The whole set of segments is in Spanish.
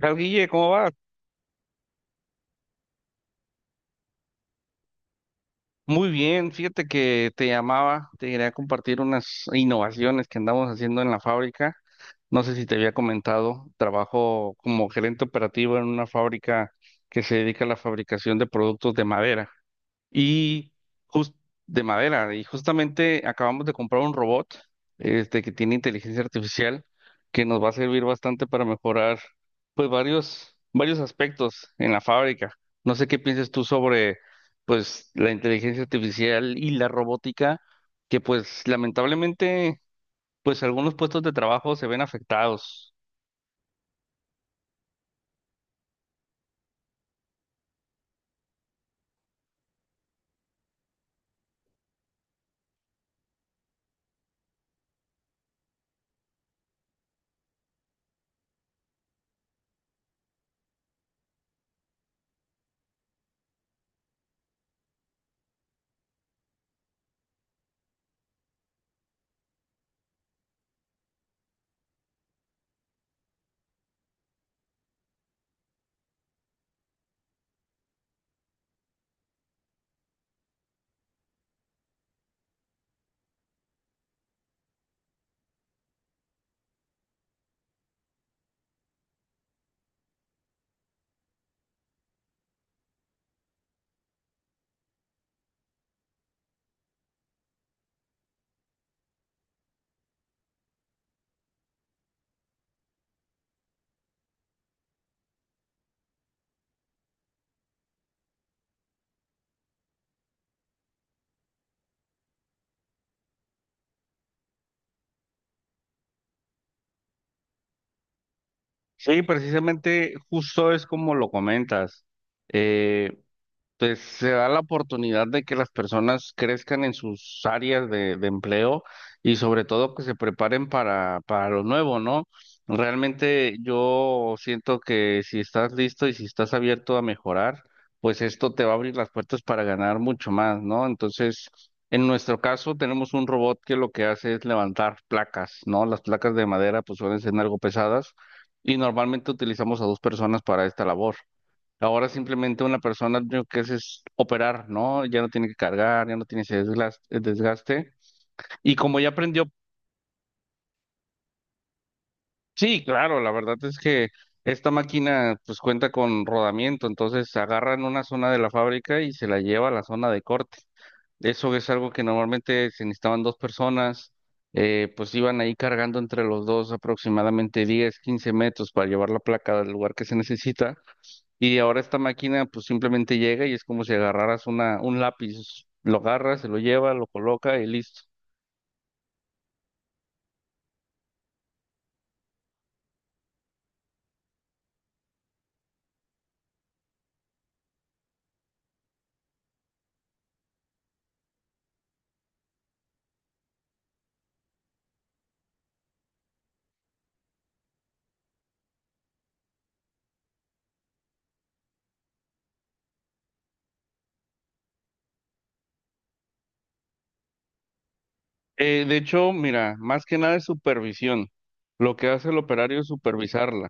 Tal Guille, ¿cómo va? Muy bien, fíjate que te llamaba, te quería compartir unas innovaciones que andamos haciendo en la fábrica. No sé si te había comentado, trabajo como gerente operativo en una fábrica que se dedica a la fabricación de productos de madera y jus- de madera. Y justamente acabamos de comprar un robot este, que tiene inteligencia artificial que nos va a servir bastante para mejorar pues varios aspectos en la fábrica. No sé qué piensas tú sobre pues la inteligencia artificial y la robótica, que pues lamentablemente pues algunos puestos de trabajo se ven afectados. Sí, precisamente justo es como lo comentas. Eh, Pues se da la oportunidad de que las personas crezcan en sus áreas de empleo y sobre todo que se preparen para lo nuevo, ¿no? Realmente yo siento que si estás listo y si estás abierto a mejorar, pues esto te va a abrir las puertas para ganar mucho más, ¿no? Entonces, en nuestro caso tenemos un robot que lo que hace es levantar placas, ¿no? Las placas de madera pues suelen ser algo pesadas y normalmente utilizamos a 2 personas para esta labor. Ahora simplemente una persona lo que hace es operar, ¿no? Ya no tiene que cargar, ya no tiene ese desgaste. Y como ya aprendió, sí, claro, la verdad es que esta máquina pues cuenta con rodamiento, entonces agarran una zona de la fábrica y se la lleva a la zona de corte. Eso es algo que normalmente se necesitaban 2 personas, pues iban ahí cargando entre los dos aproximadamente 10, 15 metros para llevar la placa del lugar que se necesita. Y ahora esta máquina pues simplemente llega y es como si agarraras una, un lápiz, lo agarra, se lo lleva, lo coloca y listo. De hecho, mira, más que nada es supervisión. Lo que hace el operario es supervisarla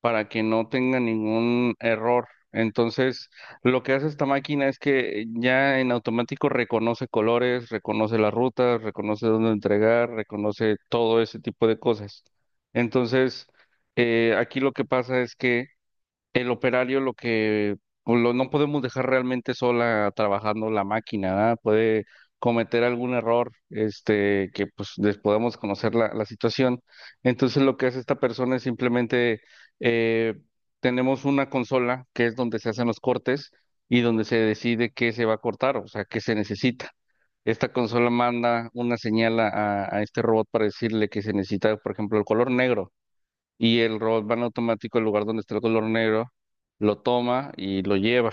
para que no tenga ningún error. Entonces, lo que hace esta máquina es que ya en automático reconoce colores, reconoce las rutas, reconoce dónde entregar, reconoce todo ese tipo de cosas. Entonces, aquí lo que pasa es que el operario lo que pues, lo, no podemos dejar realmente sola trabajando la máquina, ¿verdad? Puede cometer algún error, este, que pues les podamos conocer la, la situación. Entonces lo que hace esta persona es simplemente eh, tenemos una consola que es donde se hacen los cortes y donde se decide qué se va a cortar, o sea, qué se necesita. Esta consola manda una señal a, a este robot para decirle que se necesita, por ejemplo, el color negro y el robot va en automático al lugar donde está el color negro, lo toma y lo lleva.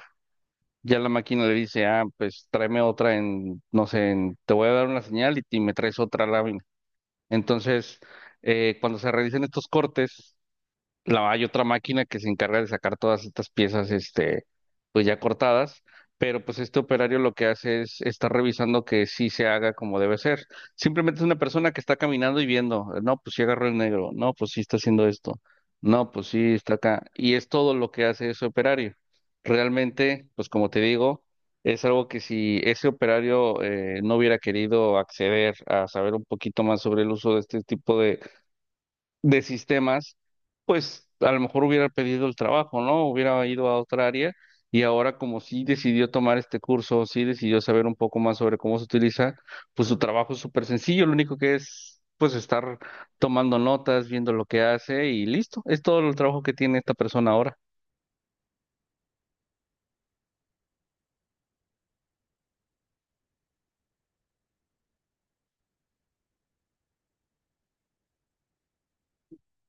Ya la máquina le dice, ah, pues tráeme otra en, no sé, te voy a dar una señal y me traes otra lámina. Entonces, cuando se realizan estos cortes, la, hay otra máquina que se encarga de sacar todas estas piezas, este, pues ya cortadas, pero pues este operario lo que hace es estar revisando que sí se haga como debe ser. Simplemente es una persona que está caminando y viendo, no, pues sí agarró el negro, no, pues sí está haciendo esto, no, pues sí está acá. Y es todo lo que hace ese operario. Realmente, pues como te digo, es algo que si ese operario no hubiera querido acceder a saber un poquito más sobre el uso de este tipo de sistemas, pues a lo mejor hubiera pedido el trabajo, ¿no? Hubiera ido a otra área, y ahora como sí decidió tomar este curso, sí decidió saber un poco más sobre cómo se utiliza, pues su trabajo es súper sencillo, lo único que es pues estar tomando notas, viendo lo que hace y listo, es todo el trabajo que tiene esta persona ahora.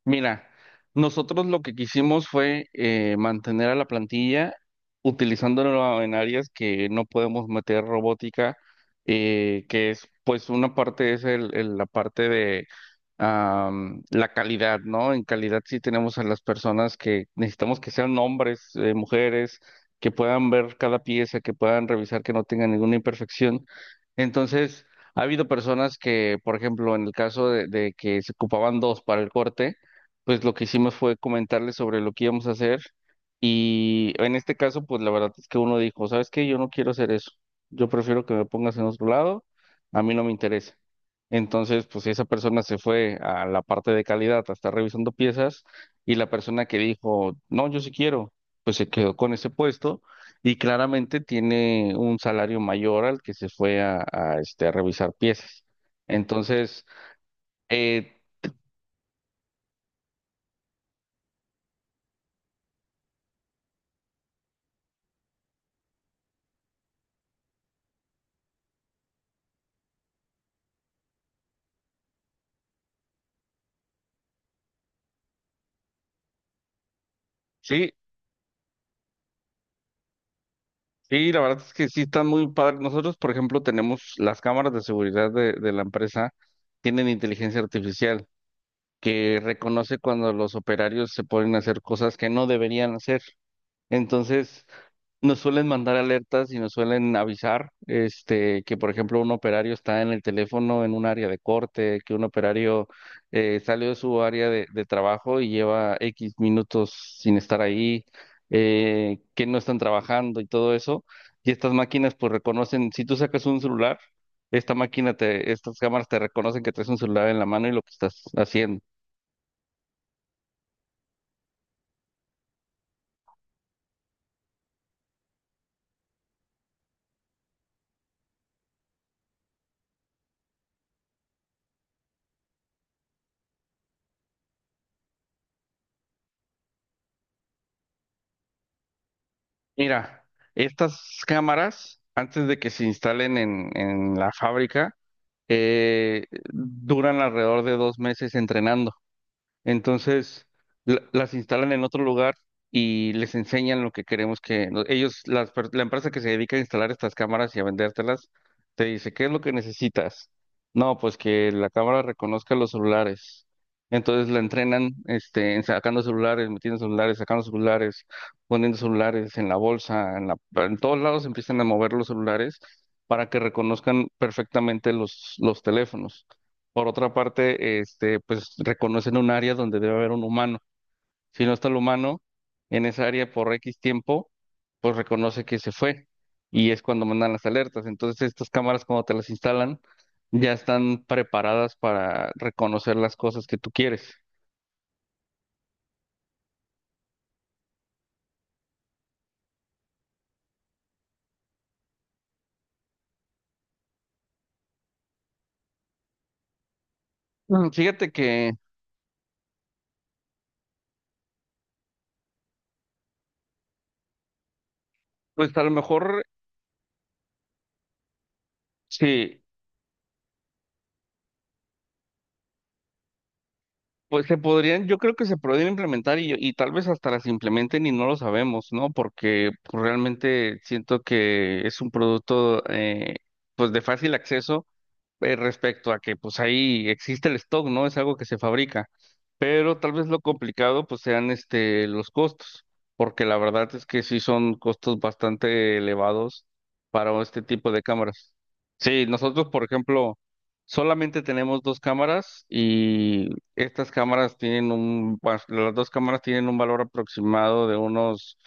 Mira, nosotros lo que quisimos fue mantener a la plantilla utilizándola en áreas que no podemos meter robótica, que es, pues, una parte es el, la parte de la calidad, ¿no? En calidad sí tenemos a las personas que necesitamos que sean hombres, mujeres, que puedan ver cada pieza, que puedan revisar que no tenga ninguna imperfección. Entonces, ha habido personas que, por ejemplo, en el caso de que se ocupaban dos para el corte, pues lo que hicimos fue comentarles sobre lo que íbamos a hacer y en este caso, pues la verdad es que uno dijo, ¿sabes qué? Yo no quiero hacer eso, yo prefiero que me pongas en otro lado, a mí no me interesa. Entonces, pues esa persona se fue a la parte de calidad a estar revisando piezas y la persona que dijo, no, yo sí quiero, pues se quedó con ese puesto y claramente tiene un salario mayor al que se fue a, este, a revisar piezas. Entonces, eh, sí, Sí, la verdad es que sí están muy padres. Nosotros, por ejemplo, tenemos las cámaras de seguridad de la empresa, tienen inteligencia artificial que reconoce cuando los operarios se ponen a hacer cosas que no deberían hacer. Entonces, nos suelen mandar alertas y nos suelen avisar, este, que por ejemplo un operario está en el teléfono en un área de corte, que un operario salió de su área de trabajo y lleva X minutos sin estar ahí, que no están trabajando y todo eso. Y estas máquinas pues reconocen, si tú sacas un celular, esta máquina te, estas cámaras te reconocen que traes un celular en la mano y lo que estás haciendo. Mira, estas cámaras, antes de que se instalen en la fábrica, eh, duran alrededor de 2 meses entrenando. Entonces, las instalan en otro lugar y les enseñan lo que queremos que ellos, la empresa que se dedica a instalar estas cámaras y a vendértelas, te dice, ¿qué es lo que necesitas? No, pues que la cámara reconozca los celulares. Entonces la entrenan, este, en sacando celulares, metiendo celulares, sacando celulares, poniendo celulares en la bolsa, en la, en todos lados empiezan a mover los celulares para que reconozcan perfectamente los teléfonos. Por otra parte, este, pues reconocen un área donde debe haber un humano. Si no está el humano en esa área por X tiempo, pues reconoce que se fue y es cuando mandan las alertas. Entonces, estas cámaras cuando te las instalan ya están preparadas para reconocer las cosas que tú quieres. Mm, fíjate que, pues a lo mejor sí. Pues se podrían, yo creo que se podrían implementar y tal vez hasta las implementen y no lo sabemos, ¿no? Porque pues, realmente siento que es un producto pues de fácil acceso respecto a que pues ahí existe el stock, ¿no? Es algo que se fabrica, pero tal vez lo complicado pues sean este los costos, porque la verdad es que sí son costos bastante elevados para este tipo de cámaras. Sí, nosotros por ejemplo solamente tenemos 2 cámaras y estas cámaras tienen un, pues, las 2 cámaras tienen un valor aproximado de unos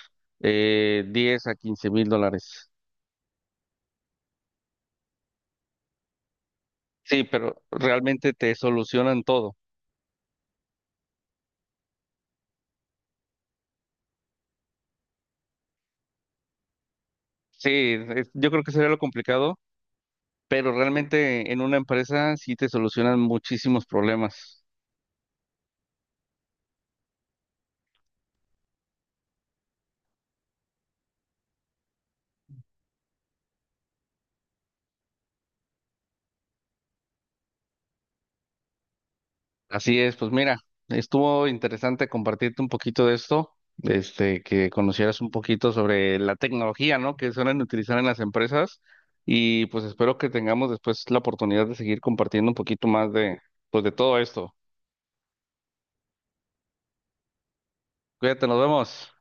10 a $15,000. Sí, pero realmente te solucionan todo. Sí, yo creo que sería lo complicado, pero realmente en una empresa sí te solucionan muchísimos problemas. Así es, pues mira, estuvo interesante compartirte un poquito de esto, este, que conocieras un poquito sobre la tecnología, ¿no? Que suelen utilizar en las empresas y pues espero que tengamos después la oportunidad de seguir compartiendo un poquito más de, pues de todo esto. Cuídate, nos vemos.